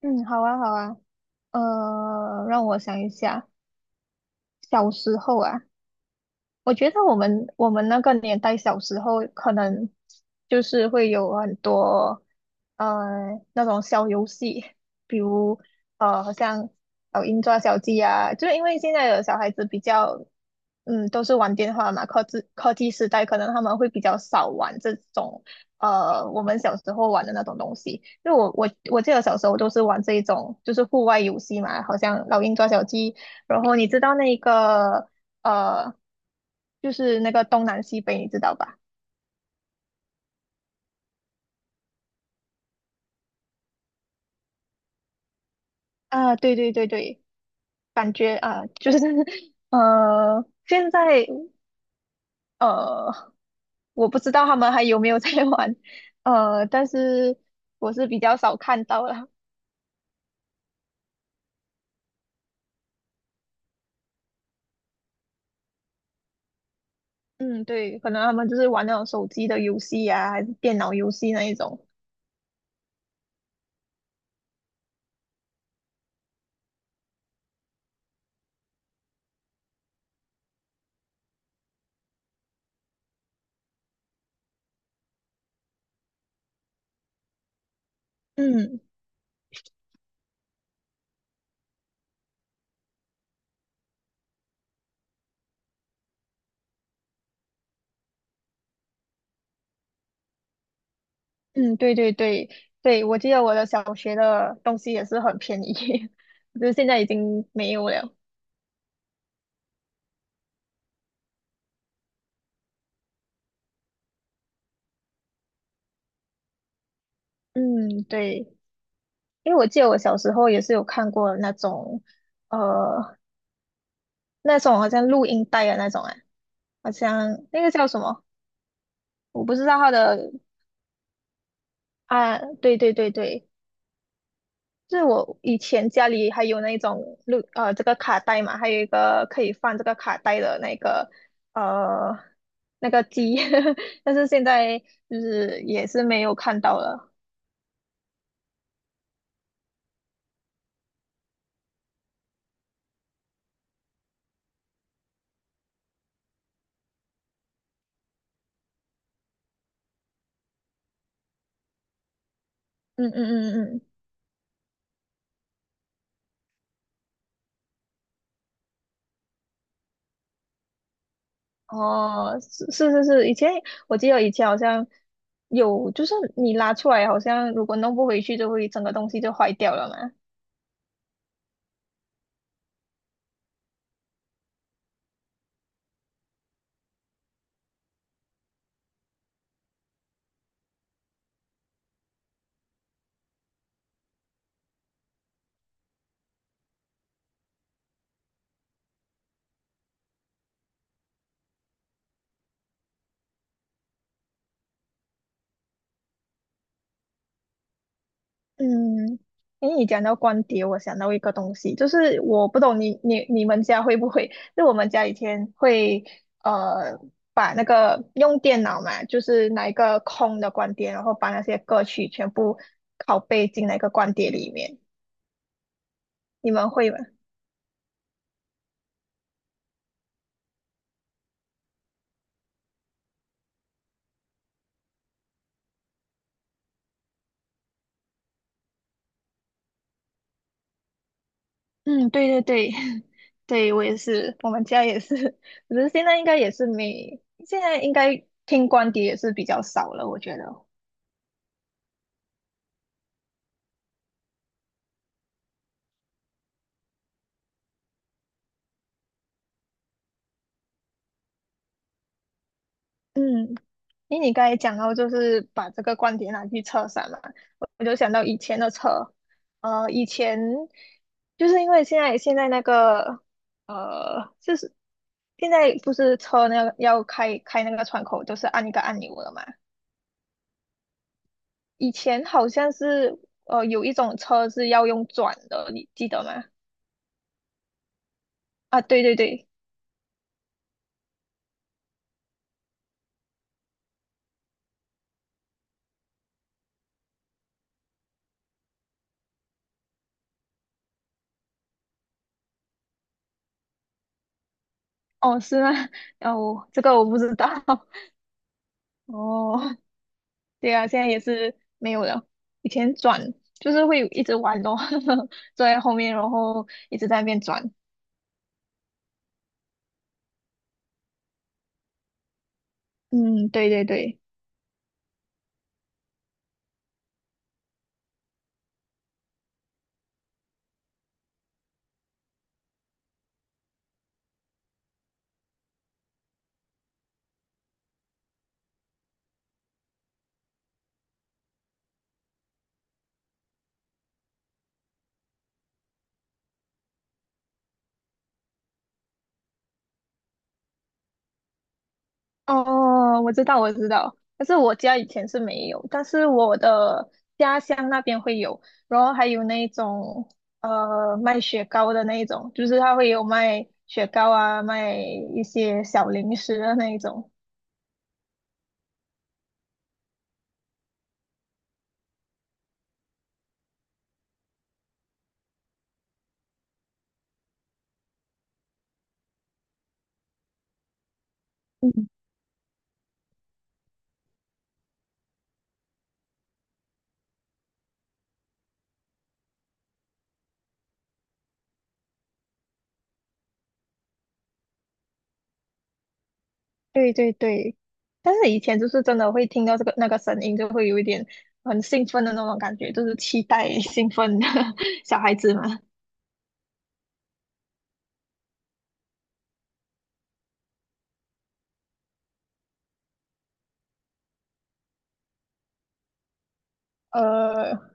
嗯，好啊，好啊，让我想一下。小时候啊，我觉得我们那个年代小时候可能就是会有很多那种小游戏，比如好像老鹰抓小鸡啊。就是因为现在的小孩子比较都是玩电话嘛，科技时代可能他们会比较少玩这种我们小时候玩的那种东西。因为我记得小时候都是玩这一种就是户外游戏嘛，好像老鹰抓小鸡。然后你知道那个呃，就是那个东南西北，你知道吧？啊，对对对对，感觉啊，就是 现在呃，我不知道他们还有没有在 玩，但是我是比较少看到了。嗯，对，可能他们就是玩那种手机的游戏呀，还是电脑游戏那一种。嗯嗯，对对对对，我记得我的小学的东西也是很便宜，就是现在已经没有了。嗯，对。因为我记得我小时候也是有看过那种，呃，那种好像录音带的那种啊，好像那个叫什么，我不知道它的。啊，对对对对，就是我以前家里还有那种这个卡带嘛，还有一个可以放这个卡带的那个呃那个机，但是现在就是也是没有看到了。嗯嗯嗯嗯。哦，是是是是，以前我记得以前好像有，就是你拉出来，好像如果弄不回去，就会整个东西就坏掉了嘛。嗯，因为你讲到光碟，我想到一个东西，就是我不懂你们家会不会？就我们家以前会呃把那个用电脑嘛，就是拿一个空的光碟，然后把那些歌曲全部拷贝进那个光碟里面，你们会吗？嗯，对对对，对我也是，我们家也是，只是现在应该也是没，现在应该听光碟也是比较少了，我觉得。嗯，因为你刚才讲到就是把这个光碟拿去车上嘛，我就想到以前的车。以前就是因为现在那个就是现在不是车那个要开那个窗口，就是按一个按钮了嘛。以前好像是有一种车是要用转的，你记得吗？啊，对对对。哦，是吗？哦，这个我不知道。哦，对啊，现在也是没有了。以前转就是会一直玩咯，坐在后面，然后一直在那边转。嗯，对对对。哦，我知道，我知道，但是我家以前是没有，但是我的家乡那边会有，然后还有那种卖雪糕的那一种，就是他会有卖雪糕啊，卖一些小零食的那一种。嗯，对对对，但是以前就是真的会听到这个那个声音，就会有一点很兴奋的那种感觉，就是期待 兴奋的 小孩子嘛。呃，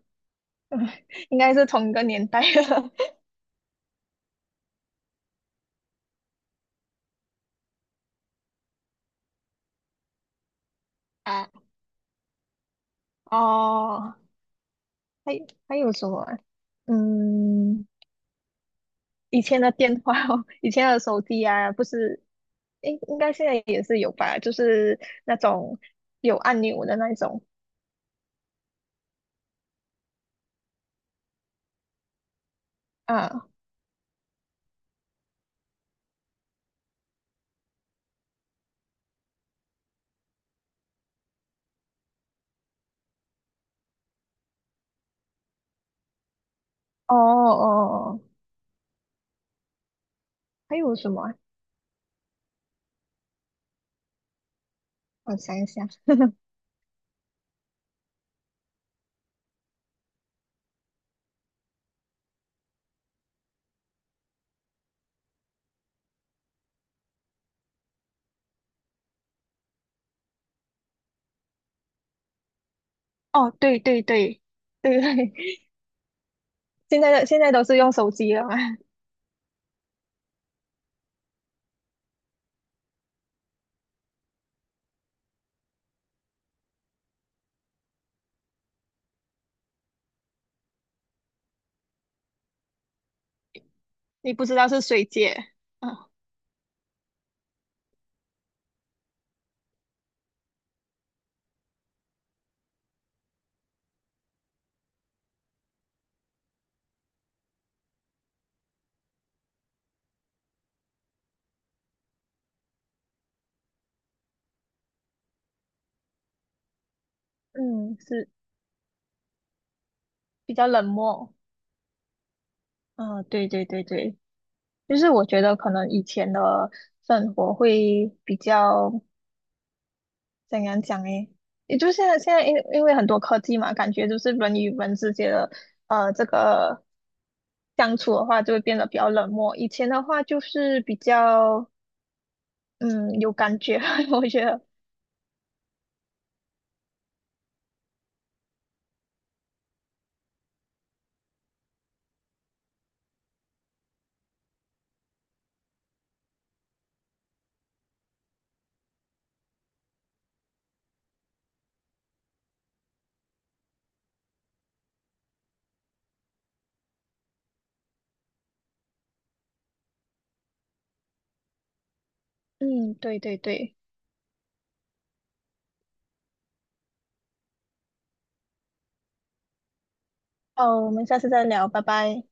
应该是同一个年代的。 啊，哦。还还有什么啊。嗯，以前的电话哦，以前的手机啊，不是，应该现在也是有吧？就是那种有按钮的那一种啊。哦哦，哦，还有什么啊？我想一想。哦，对对对对对，现在都是用手机了嘛？你不知道是谁接啊？嗯，是比较冷漠。啊，对对对对，就是我觉得可能以前的生活会比较。怎样讲诶？也就现在因为很多科技嘛，感觉就是人与人之间的这个相处的话，就会变得比较冷漠。以前的话就是比较嗯有感觉，我觉得。嗯，对对对。哦，我们下次再聊，拜拜。